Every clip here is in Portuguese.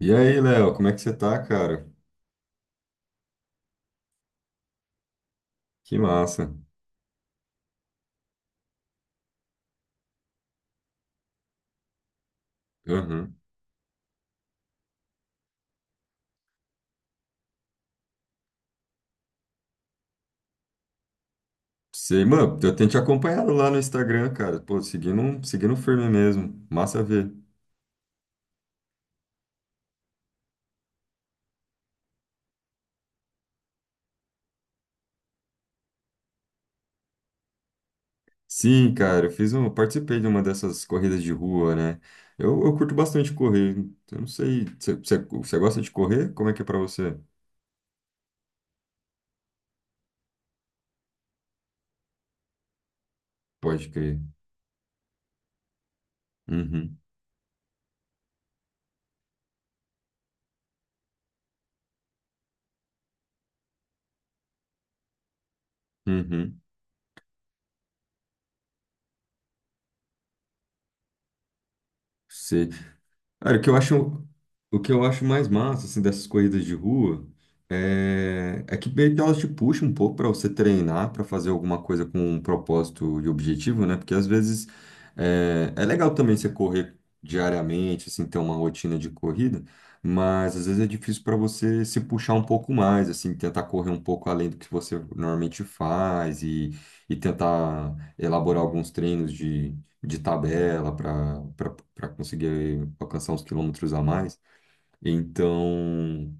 E aí, Léo, como é que você tá, cara? Que massa. Aham. Sei, mano, eu tenho te acompanhado lá no Instagram, cara. Pô, seguindo, seguindo firme mesmo. Massa ver. Sim, cara, eu participei de uma dessas corridas de rua, né? Eu curto bastante correr. Eu não sei, você gosta de correr? Como é que é pra você? Pode crer. Uhum, uhum. Sei. Cara, o que eu acho mais massa, assim, dessas corridas de rua é que meio que elas te puxam um pouco para você treinar, para fazer alguma coisa com um propósito e objetivo, né? Porque às vezes é legal também você correr diariamente, assim, ter uma rotina de corrida, mas às vezes é difícil para você se puxar um pouco mais, assim, tentar correr um pouco além do que você normalmente faz e tentar elaborar alguns treinos de tabela para conseguir alcançar uns quilômetros a mais. Então,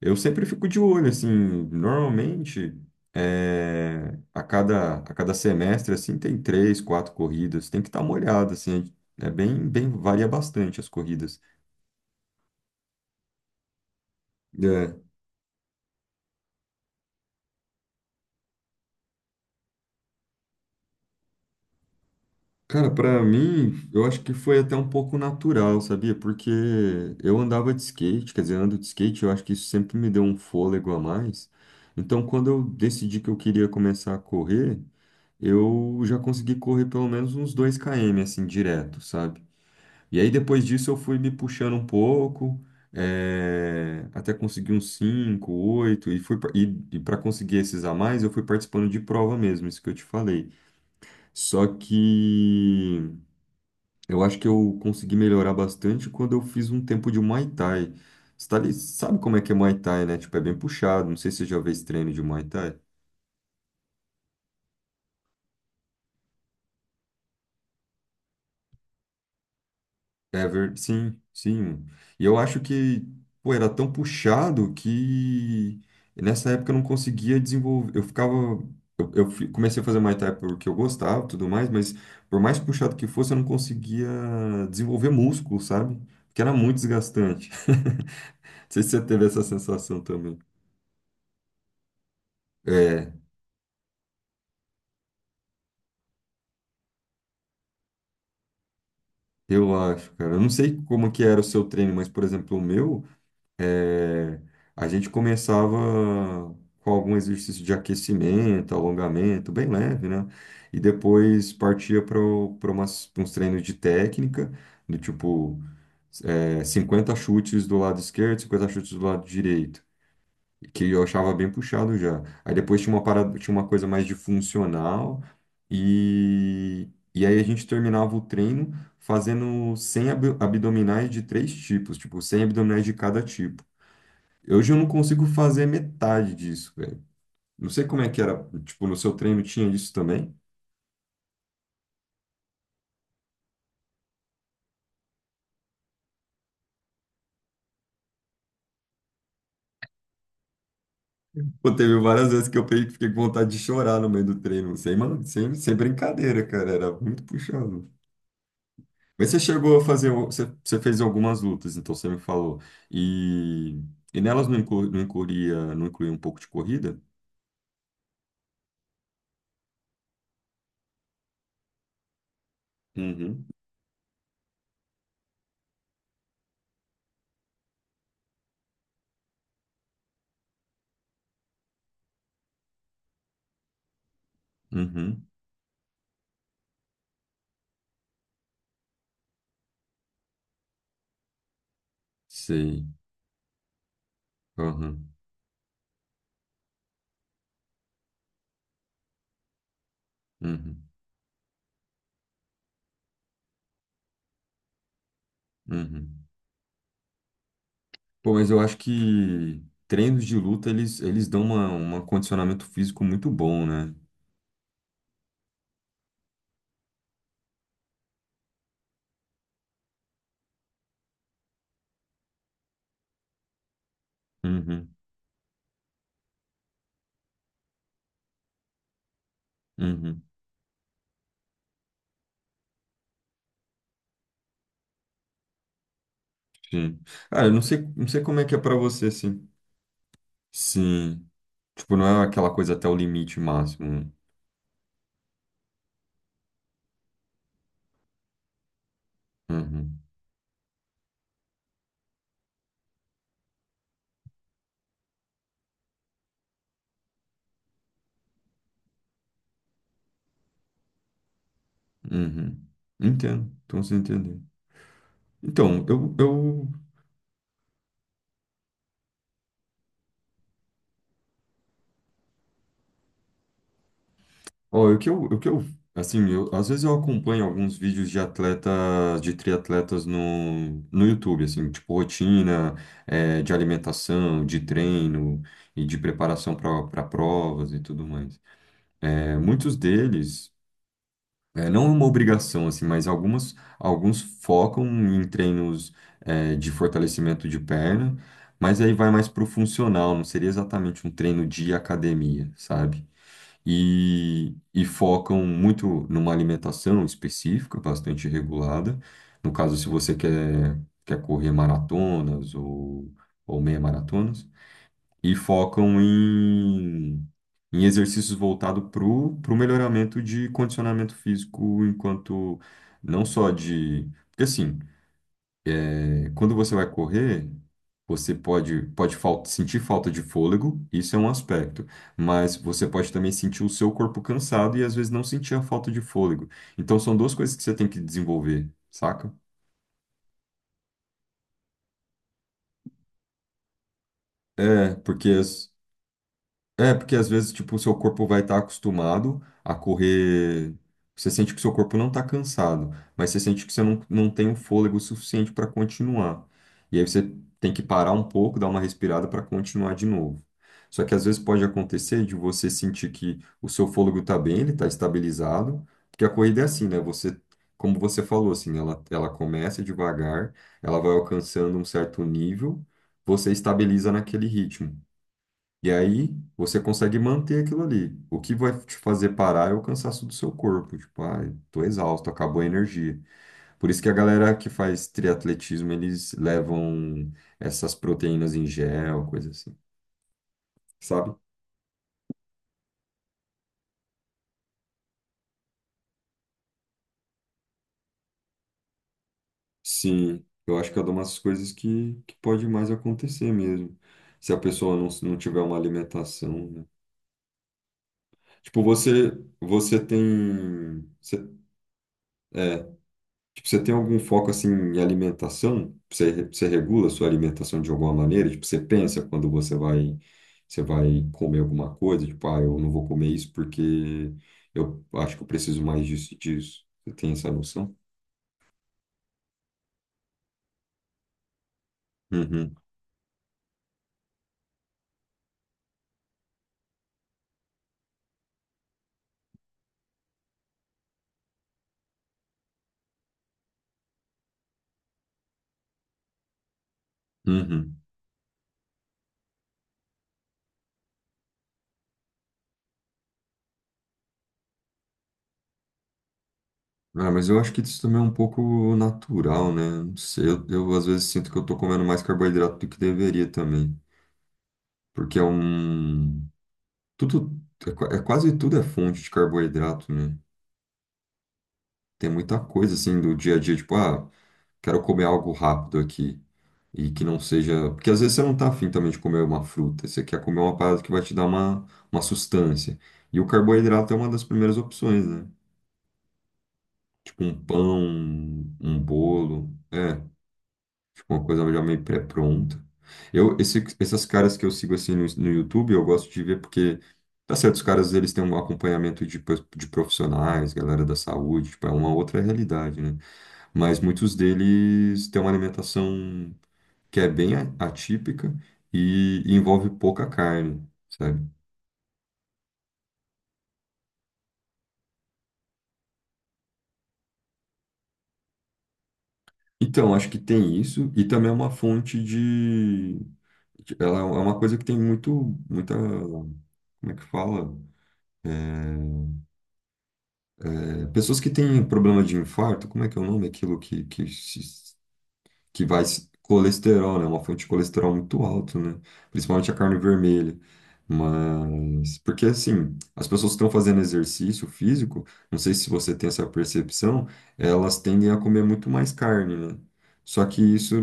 eu sempre fico de olho, assim, normalmente é, a cada semestre, assim, tem três, quatro corridas, tem que estar molhado, assim, é bem, bem, varia bastante as corridas. É, cara, pra mim, eu acho que foi até um pouco natural, sabia? Porque eu andava de skate, quer dizer, ando de skate, eu acho que isso sempre me deu um fôlego a mais. Então, quando eu decidi que eu queria começar a correr, eu já consegui correr pelo menos uns 2 km, assim, direto, sabe? E aí, depois disso, eu fui me puxando um pouco, até conseguir uns 5 8 e para conseguir esses a mais, eu fui participando de prova mesmo, isso que eu te falei. Só que. Eu acho que eu consegui melhorar bastante quando eu fiz um tempo de Muay Thai. Sabe como é que é Muay Thai, né? Tipo, é bem puxado. Não sei se você já fez treino de Muay Thai. Sim, sim. E eu acho que, pô, era tão puxado que nessa época eu não conseguia desenvolver. Eu ficava. Comecei a fazer Muay Thai porque eu gostava e tudo mais, mas por mais puxado que fosse, eu não conseguia desenvolver músculo, sabe? Porque era muito desgastante. Não sei se você teve essa sensação também. É, eu acho, cara. Eu não sei como que era o seu treino, mas, por exemplo, o meu, eh, a gente começava com algum exercício de aquecimento, alongamento, bem leve, né? E depois partia para umas uns treinos de técnica, do tipo, 50 chutes do lado esquerdo, 50 chutes do lado direito que eu achava bem puxado já. Aí depois tinha uma parada, tinha uma coisa mais de funcional e e aí a gente terminava o treino fazendo 100 abdominais de três tipos, tipo 100 abdominais de cada tipo. Hoje eu não consigo fazer metade disso, velho. Não sei como é que era, tipo, no seu treino tinha isso também? Pô, teve várias vezes que fiquei com vontade de chorar no meio do treino, sem, ma- sem, sem brincadeira, cara, era muito puxado. Mas você chegou a fazer, você fez algumas lutas, então você me falou. E, e nelas não, inclu, não incluía, não incluía um pouco de corrida? Uhum. Uhum, sei. Aham, uhum, uhum. Pô, mas eu acho que treinos de luta, eles dão uma, um condicionamento físico muito bom, né? Uhum, uhum, sim. Ah, eu não sei, não sei como é que é pra você, assim. Sim. Tipo, não é aquela coisa até o limite máximo, né? Uhum, uhum. Entendo, então você entendeu. Então, ó, assim, eu, às vezes eu acompanho alguns vídeos de atletas, de triatletas no YouTube, assim, tipo rotina, de alimentação, de treino e de preparação para provas e tudo mais. Muitos deles, não é uma obrigação, assim, mas algumas, alguns focam em treinos, de fortalecimento de perna, mas aí vai mais para o funcional, não seria exatamente um treino de academia, sabe? E, e focam muito numa alimentação específica, bastante regulada. No caso, se você quer, quer correr maratonas ou meia maratonas, e focam em, em exercícios voltados para o melhoramento de condicionamento físico, enquanto não só de. Porque assim. É, quando você vai correr, você sentir falta de fôlego, isso é um aspecto, mas você pode também sentir o seu corpo cansado e às vezes não sentir a falta de fôlego. Então são duas coisas que você tem que desenvolver, saca? É, porque as- É, porque às vezes, tipo, o seu corpo vai estar acostumado a correr. Você sente que o seu corpo não está cansado, mas você sente que você não tem o fôlego suficiente para continuar. E aí você tem que parar um pouco, dar uma respirada para continuar de novo. Só que às vezes pode acontecer de você sentir que o seu fôlego está bem, ele está estabilizado, porque a corrida é assim, né? Você, como você falou, assim, ela começa devagar, ela vai alcançando um certo nível, você estabiliza naquele ritmo. E aí você consegue manter aquilo ali. O que vai te fazer parar é o cansaço do seu corpo. Tipo, ai, tô exausto, acabou a energia. Por isso que a galera que faz triatletismo, eles levam essas proteínas em gel, coisa assim, sabe? Sim, eu acho que é uma das coisas que pode mais acontecer mesmo. Se a pessoa não tiver uma alimentação, né? Tipo, você, você tem. Você, é, tipo, você tem algum foco assim em alimentação? Você regula a sua alimentação de alguma maneira? Tipo, você pensa quando você vai comer alguma coisa? Tipo, ah, eu não vou comer isso porque eu acho que eu preciso mais disso e disso. Você tem essa noção? Uhum, uhum. Ah, mas eu acho que isso também é um pouco natural, né? Não sei, eu às vezes sinto que eu tô comendo mais carboidrato do que deveria também. Porque é um... Tudo... É, é quase tudo é fonte de carboidrato, né? Tem muita coisa assim do dia a dia, tipo, ah, quero comer algo rápido aqui. E que não seja. Porque às vezes você não tá afim também de comer uma fruta, você quer comer uma parada que vai te dar uma sustância. E o carboidrato é uma das primeiras opções, né? Tipo um pão, um bolo, é, tipo uma coisa já meio pré-pronta. Essas caras que eu sigo assim no YouTube, eu gosto de ver porque, tá certo, os caras eles têm um acompanhamento de profissionais, galera da saúde, tipo, é uma outra realidade, né? Mas muitos deles têm uma alimentação que é bem atípica e envolve pouca carne, sabe? Então, acho que tem isso e também é uma fonte de... Ela é uma coisa que tem muito, muita... Como é que fala? É, pessoas que têm problema de infarto, como é que é o nome? Aquilo que se- que vai se- Colesterol, né? Uma fonte de colesterol muito alto, né? Principalmente a carne vermelha. Mas porque assim, as pessoas que estão fazendo exercício físico, não sei se você tem essa percepção, elas tendem a comer muito mais carne, né? Só que isso,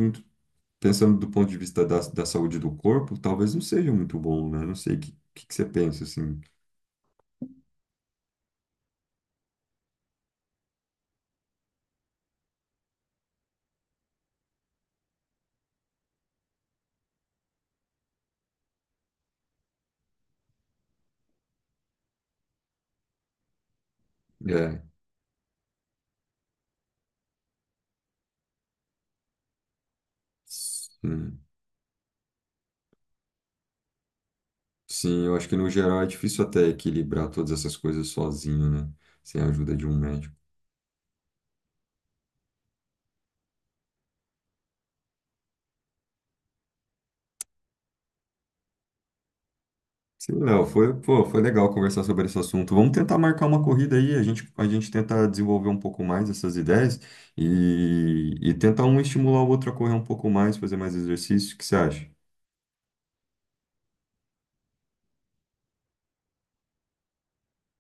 pensando do ponto de vista da saúde do corpo, talvez não seja muito bom, né? Não sei o que você pensa, assim. É. Sim. Sim, eu acho que no geral é difícil até equilibrar todas essas coisas sozinho, né? Sem a ajuda de um médico. Sim, Léo, foi, pô, foi legal conversar sobre esse assunto. Vamos tentar marcar uma corrida aí, a gente tenta desenvolver um pouco mais essas ideias e tentar um estimular o outro a correr um pouco mais, fazer mais exercício. O que você acha?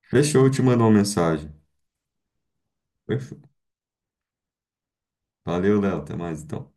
Fechou, eu te mando uma mensagem. Fechou. Valeu, Léo, até mais então.